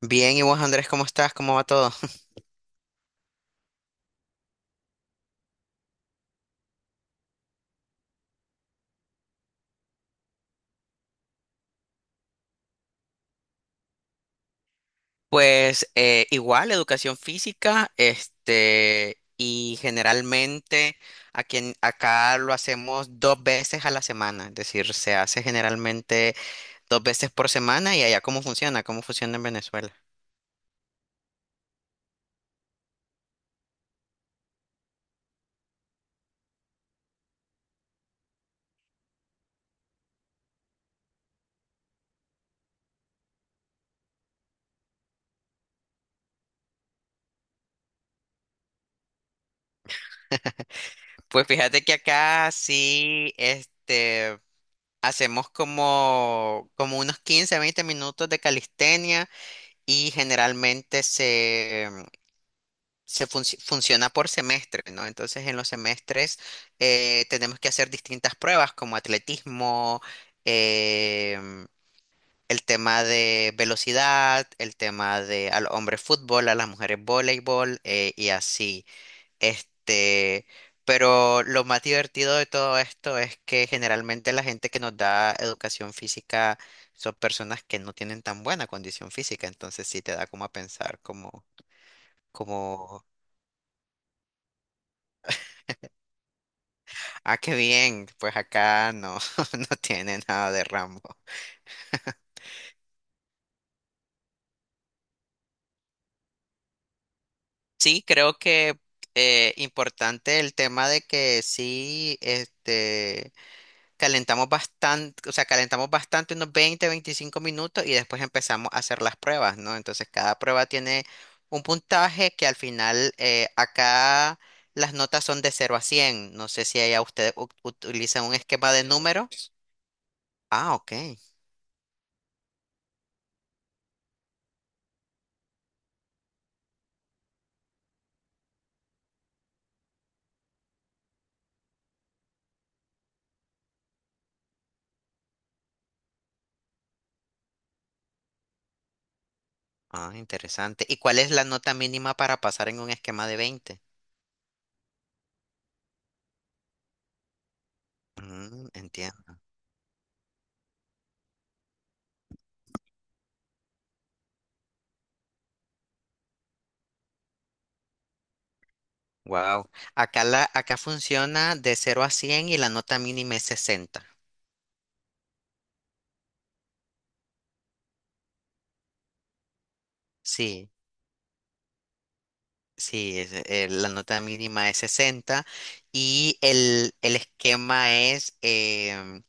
Bien, ¿y vos, Andrés, cómo estás? ¿Cómo va todo? Pues igual, educación física, este, y generalmente acá lo hacemos dos veces a la semana, es decir, se hace generalmente dos veces por semana y allá cómo funciona en Venezuela. Pues fíjate que acá sí, este, hacemos como unos 15 20 minutos de calistenia y generalmente se funciona por semestre, ¿no? Entonces, en los semestres tenemos que hacer distintas pruebas como atletismo, em, el tema de velocidad, el tema de al hombre fútbol, a las mujeres voleibol y así. Este, pero lo más divertido de todo esto es que generalmente la gente que nos da educación física son personas que no tienen tan buena condición física, entonces sí te da como a pensar como. Ah, qué bien. Pues acá no, no tiene nada de Rambo. Sí, creo que importante el tema de que sí, este, calentamos bastante, o sea, calentamos bastante unos 20, 25 minutos y después empezamos a hacer las pruebas, ¿no? Entonces cada prueba tiene un puntaje que al final acá las notas son de 0 a 100. No sé si allá ustedes utilizan un esquema de número. Ah, ok. Ah, interesante. ¿Y cuál es la nota mínima para pasar en un esquema de 20? Mm, entiendo. Wow. Acá funciona de 0 a 100 y la nota mínima es 60. Sí, sí, la nota mínima es 60 y el esquema es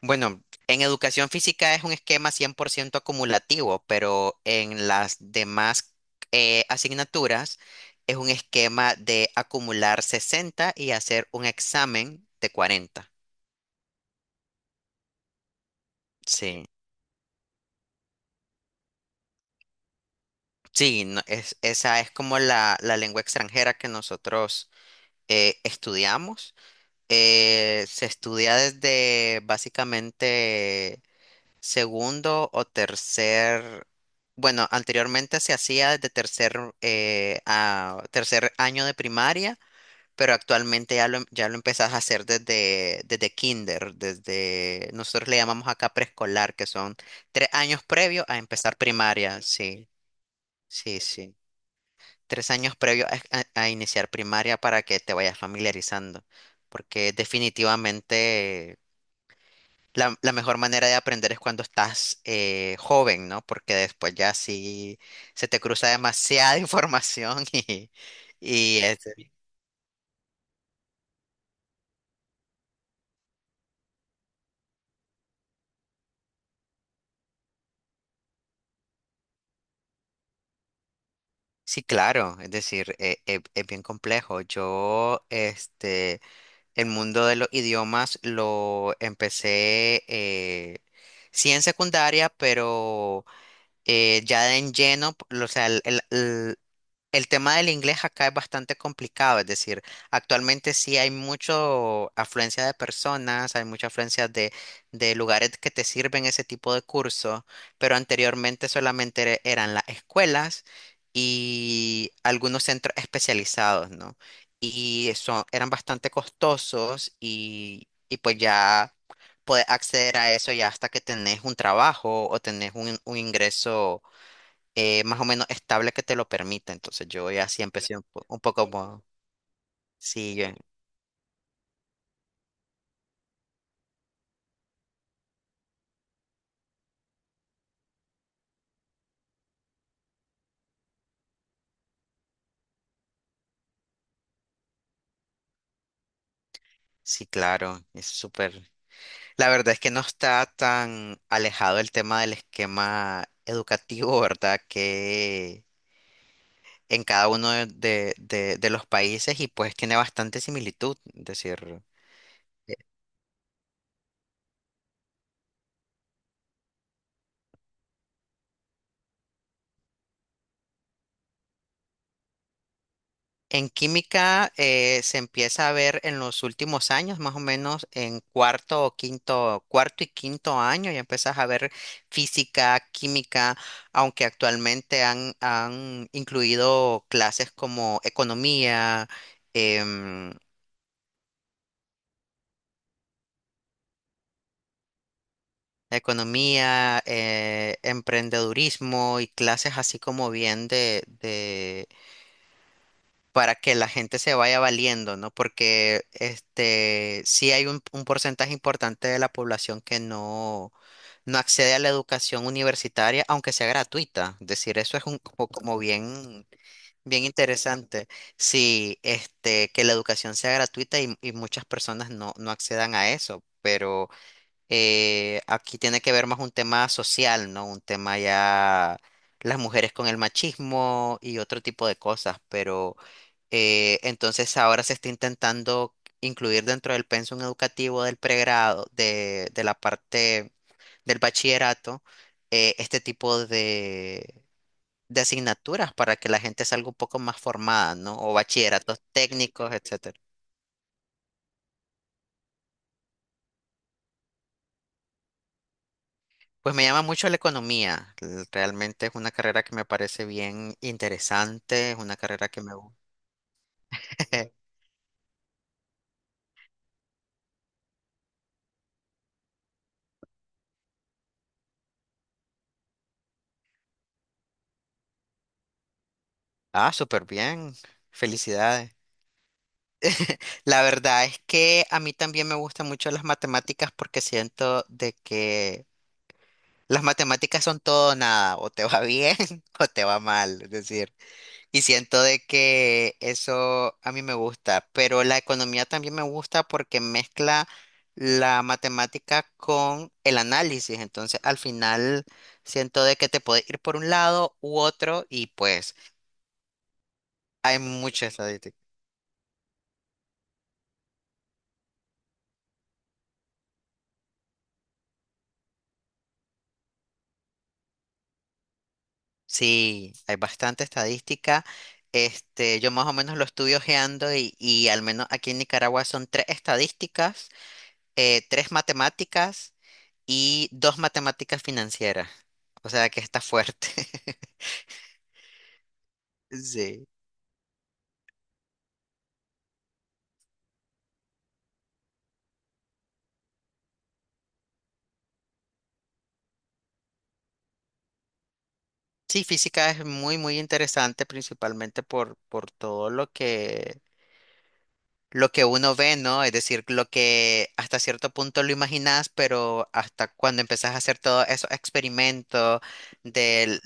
bueno, en educación física es un esquema 100% acumulativo, pero en las demás asignaturas es un esquema de acumular 60 y hacer un examen de 40. Sí, sí, esa es como la lengua extranjera que nosotros estudiamos. Se estudia desde básicamente segundo o tercer, bueno, anteriormente se hacía desde tercer, a tercer año de primaria, pero actualmente ya lo empezás a hacer desde kinder, nosotros le llamamos acá preescolar, que son 3 años previos a empezar primaria, sí, sí, sí. 3 años previos a iniciar primaria para que te vayas familiarizando, porque definitivamente la mejor manera de aprender es cuando estás joven, ¿no? Porque después ya sí se te cruza demasiada información y este, sí, claro, es decir, es bien complejo. Yo, este, el mundo de los idiomas lo empecé, sí en secundaria, pero ya en lleno, o sea, el- el tema del inglés acá es bastante complicado, es decir, actualmente sí hay mucha afluencia de personas, hay mucha afluencia de lugares que te sirven ese tipo de curso, pero anteriormente solamente eran las escuelas y algunos centros especializados, ¿no? Y eso eran bastante costosos y pues ya puedes acceder a eso ya hasta que tenés un trabajo o tenés un ingreso más o menos estable que te lo permita. Entonces yo ya sí empecé un poco como, sí, sí, claro, es súper. La verdad es que no está tan alejado el tema del esquema educativo, ¿verdad? Que en cada uno de los países y pues tiene bastante similitud, es decir. En química se empieza a ver en los últimos años, más o menos en cuarto o quinto, cuarto y quinto año, ya empiezas a ver física, química, aunque actualmente han incluido clases como economía, em, economía, emprendedurismo y clases así como bien de, para que la gente se vaya valiendo, ¿no? Porque este sí hay un porcentaje importante de la población que no, no accede a la educación universitaria, aunque sea gratuita. Es decir, eso es un co- como bien, bien interesante. Sí, este, que la educación sea gratuita y muchas personas no, no accedan a eso. Pero aquí tiene que ver más un tema social, ¿no? Un tema ya las mujeres con el machismo y otro tipo de cosas, pero entonces ahora se está intentando incluir dentro del pensum educativo del pregrado, de la parte del bachillerato, este tipo de asignaturas para que la gente salga un poco más formada, ¿no? O bachilleratos técnicos, etcétera. Pues me llama mucho la economía. Realmente es una carrera que me parece bien interesante, es una carrera que me gusta. Ah, súper bien. Felicidades. La verdad es que a mí también me gustan mucho las matemáticas porque siento de que las matemáticas son todo o nada, o te va bien o te va mal, es decir, y siento de que eso a mí me gusta, pero la economía también me gusta porque mezcla la matemática con el análisis, entonces al final siento de que te puede ir por un lado u otro y pues hay mucha estadística. Sí, hay bastante estadística. Este, yo más o menos lo estudio ojeando y al menos aquí en Nicaragua son tres estadísticas, tres matemáticas y dos matemáticas financieras. O sea que está fuerte. Sí. Sí, física es muy, muy interesante, principalmente por todo lo que uno ve, ¿no? Es decir, lo que hasta cierto punto lo imaginas, pero hasta cuando empezás a hacer todos esos experimentos de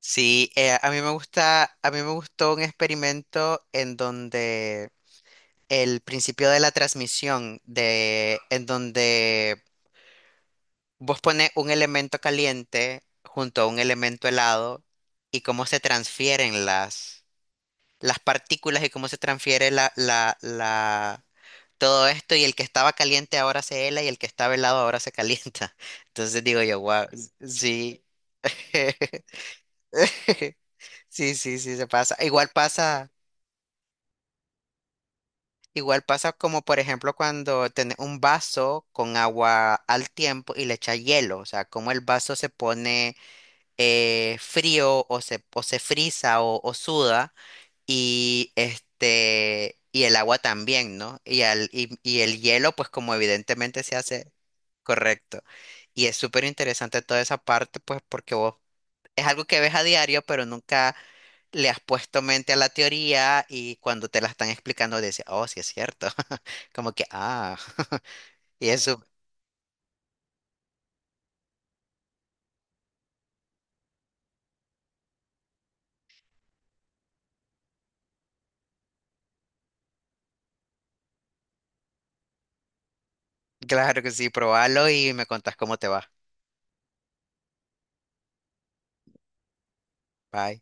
Sí, a mí me gustó un experimento en donde el principio de la transmisión de, en donde vos pones un elemento caliente junto a un elemento helado y cómo se transfieren las partículas y cómo se transfiere todo esto y el que estaba caliente ahora se hela y el que estaba helado ahora se calienta. Entonces digo yo, wow, sí. Sí, sí, sí, se pasa. Igual pasa. Igual pasa como, por ejemplo, cuando tenés un vaso con agua al tiempo y le echas hielo, o sea, como el vaso se pone frío o se frisa o suda y este, y el agua también, ¿no? Y el hielo, pues como evidentemente se hace. Correcto. Y es súper interesante toda esa parte, pues porque vos es algo que ves a diario, pero nunca le has puesto mente a la teoría y cuando te la están explicando dices, oh, sí es cierto. Como que, ah. Y eso, claro que sí, probalo y me contás cómo te va. Bye.